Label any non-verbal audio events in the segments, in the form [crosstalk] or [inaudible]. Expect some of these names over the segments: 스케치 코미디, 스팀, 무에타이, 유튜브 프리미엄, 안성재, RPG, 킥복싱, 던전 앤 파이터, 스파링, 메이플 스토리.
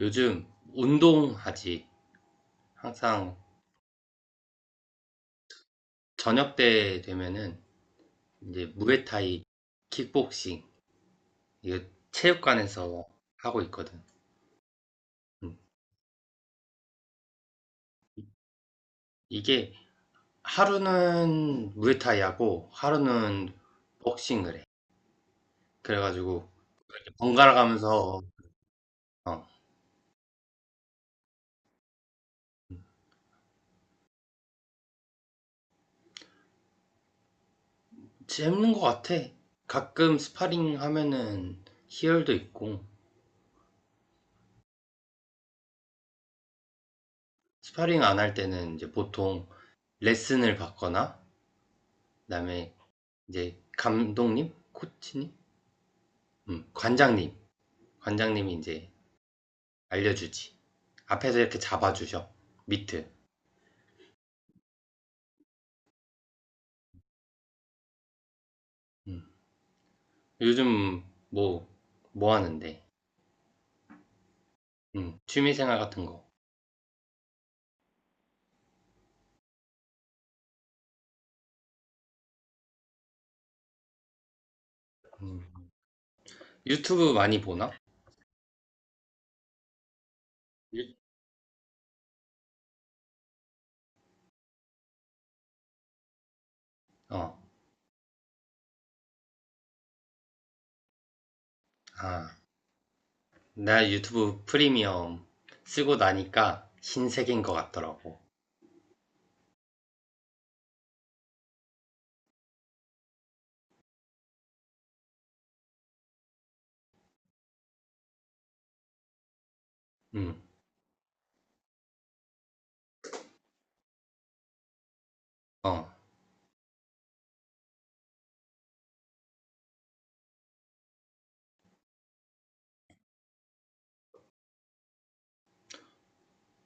요즘 운동하지. 항상 저녁 때 되면은 이제 무에타이, 킥복싱, 이거 체육관에서 하고 있거든. 음. 이게 하루는 무에타이 하고 하루는 복싱을 해. 그래가지고 이렇게 번갈아 가면서 어, 재밌는 것 같아. 가끔 스파링 하면은 희열도 있고 스파링 안 할 때는 이제 보통 레슨을 받거나 그다음에 이제 감독님, 코치님, 관장님. 관장님이 이제 알려주지. 앞에서 이렇게 잡아주셔. 밑트 음. 요즘 뭐, 뭐 하는데? 취미생활 같은 거. 음. 유튜브 많이 보나? 유- 어. 아, 나 유튜브 프리미엄 쓰고 나니까 신세계인 것 같더라고. 음, 어.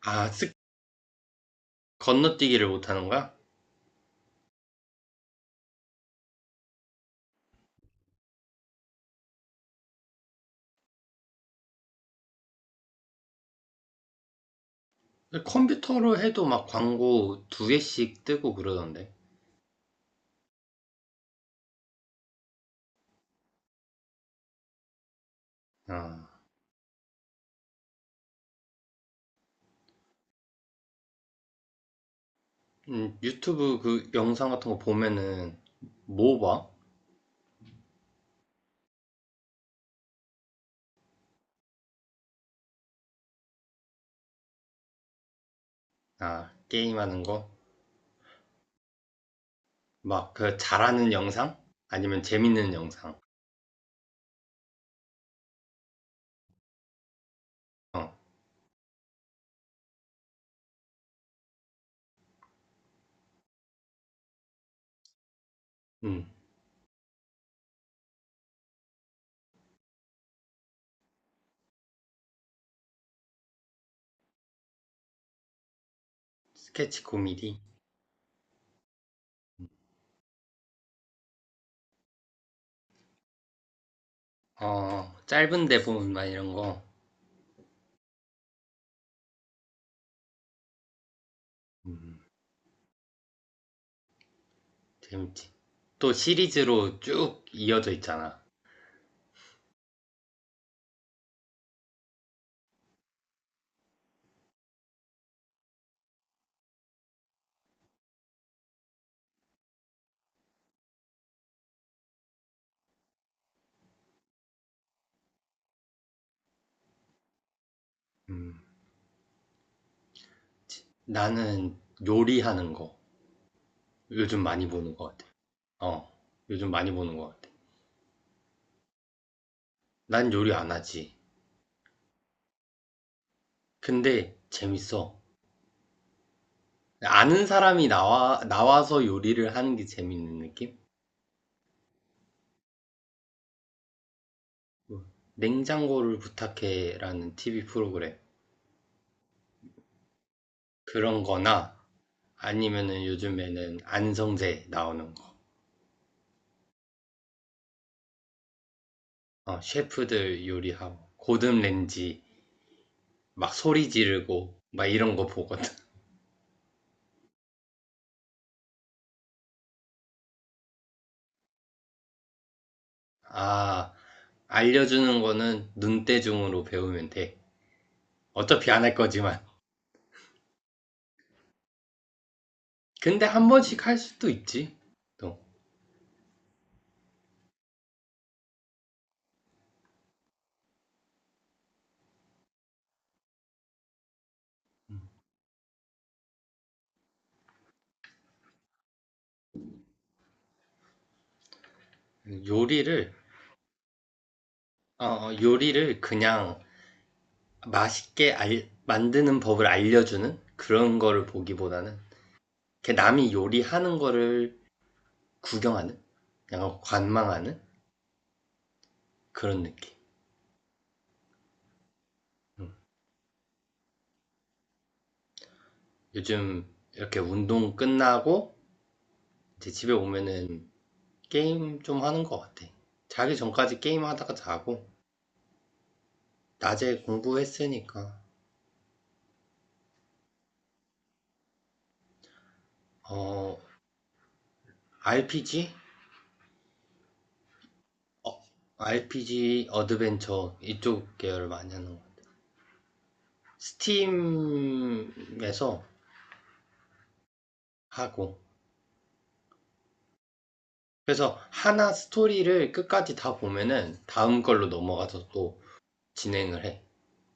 아, 쓱 건너뛰기를 못하는 거야? 컴퓨터로 해도 막 광고 두 개씩 뜨고 그러던데. 어. 유튜브 그 영상 같은 거 보면은 뭐 봐? 아, 게임하는 거? 막 그 잘하는 영상? 아니면 재밌는 영상? 어, 음, 스케치 코미디? 짧은데 보면 막 이런 거. 음, 재밌지. 또 시리즈로 쭉 이어져 있잖아. 음, 나는 요리하는 거 요즘 많이 보는 것 같아. 어, 요즘 많이 보는 것 같아. 난 요리 안 하지. 근데 재밌어. 아는 사람이 나와서 요리를 하는 게 재밌는 느낌? 뭐, 냉장고를 부탁해라는 TV 프로그램. 그런 거나 아니면은 요즘에는 안성재 나오는 거. 셰프들 요리하고, 고든 렌지 막 소리 지르고, 막 이런 거 보거든. [laughs] 아, 알려주는 거는 눈대중으로 배우면 돼. 어차피 안 할 거지만. 근데 한 번씩 할 수도 있지. 또 요리를, 요리를 그냥 맛있게 만드는 법을 알려주는 그런 거를 보기보다는 이렇게 남이 요리하는 거를 구경하는 약간 관망하는 그런 느낌. 요즘 이렇게 운동 끝나고 이제 집에 오면은 게임 좀 하는 것 같아. 자기 전까지 게임 하다가 자고 낮에 공부했으니까 어 RPG? 어, RPG 어드벤처 이쪽 계열 많이 하는 거. 스팀에서 하고 그래서 하나 스토리를 끝까지 다 보면은 다음 걸로 넘어가서 또 진행을 해.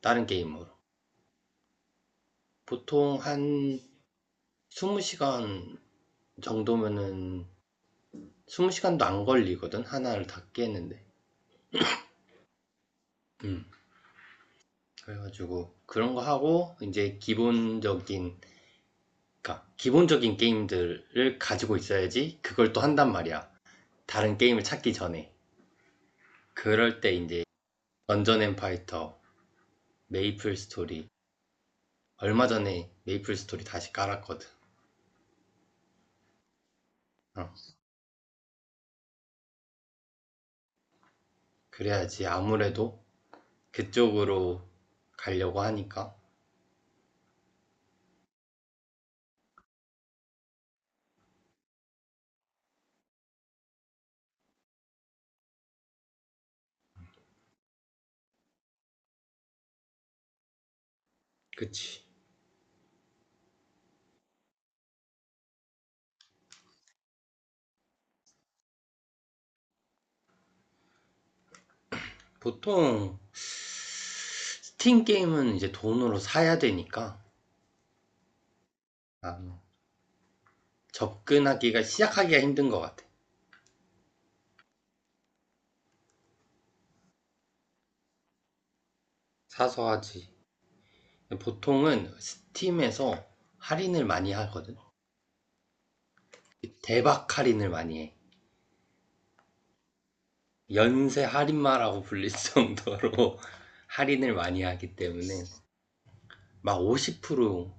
다른 게임으로. 보통 한 20시간 정도면은 20시간도 안 걸리거든. 하나를 다 깨는데. 음. 그래가지고 그런 거 하고 이제 기본적인 그러니까 기본적인 게임들을 가지고 있어야지 그걸 또 한단 말이야. 다른 게임을 찾기 전에. 그럴 때 이제 던전 앤 파이터, 메이플 스토리 얼마 전에 메이플 스토리 다시 깔았거든. 어, 그래야지 아무래도 그쪽으로 가려고 하니까. 그치. 보통 스팀 게임은 이제 돈으로 사야 되니까 아, 접근하기가 시작하기가 힘든 것 같아. 사서 하지. 보통은 스팀에서 할인을 많이 하거든. 대박 할인을 많이 해. 연세 할인마라고 불릴 정도로 [laughs] 할인을 많이 하기 때문에 막 50%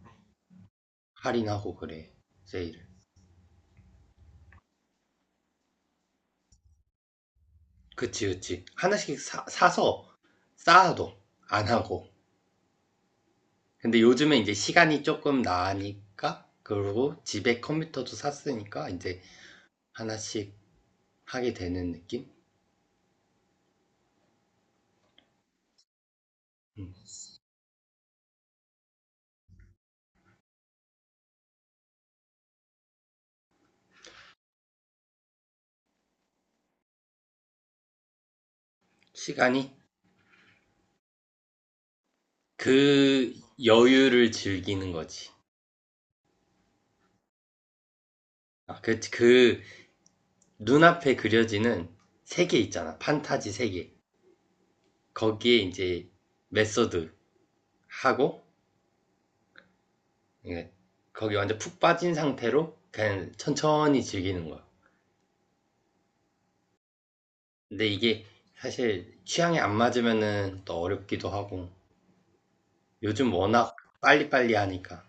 할인하고 그래. 세일을. 그치, 그치. 하나씩 사서 쌓아도 안 하고. 근데 요즘에 이제 시간이 조금 나니까, 그리고 집에 컴퓨터도 샀으니까 이제 하나씩 하게 되는 느낌? 음. 시간이 그 여유를 즐기는 거지. 아, 그 눈앞에 그려지는 세계 있잖아. 판타지 세계. 거기에 이제 메소드 하고, 예, 거기 완전 푹 빠진 상태로 그냥 천천히 즐기는 거야. 근데 이게 사실 취향이 안 맞으면은 또 어렵기도 하고 요즘 워낙 빨리빨리 하니까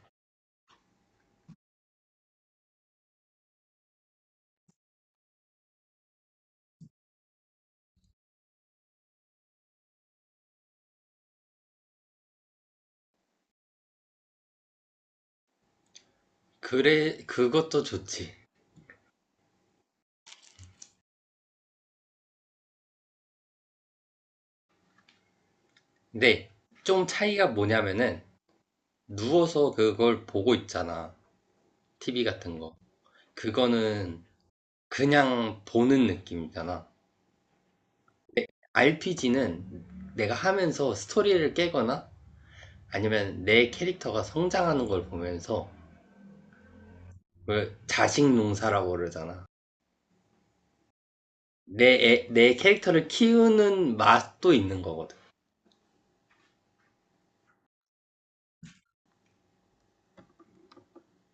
그래 그것도 좋지. 근데 좀 차이가 뭐냐면은 누워서 그걸 보고 있잖아. TV 같은 거. 그거는 그냥 보는 느낌이잖아. RPG는 내가 하면서 스토리를 깨거나 아니면 내 캐릭터가 성장하는 걸 보면서 왜 자식 농사라고 그러잖아. 내 캐릭터를 키우는 맛도 있는 거거든.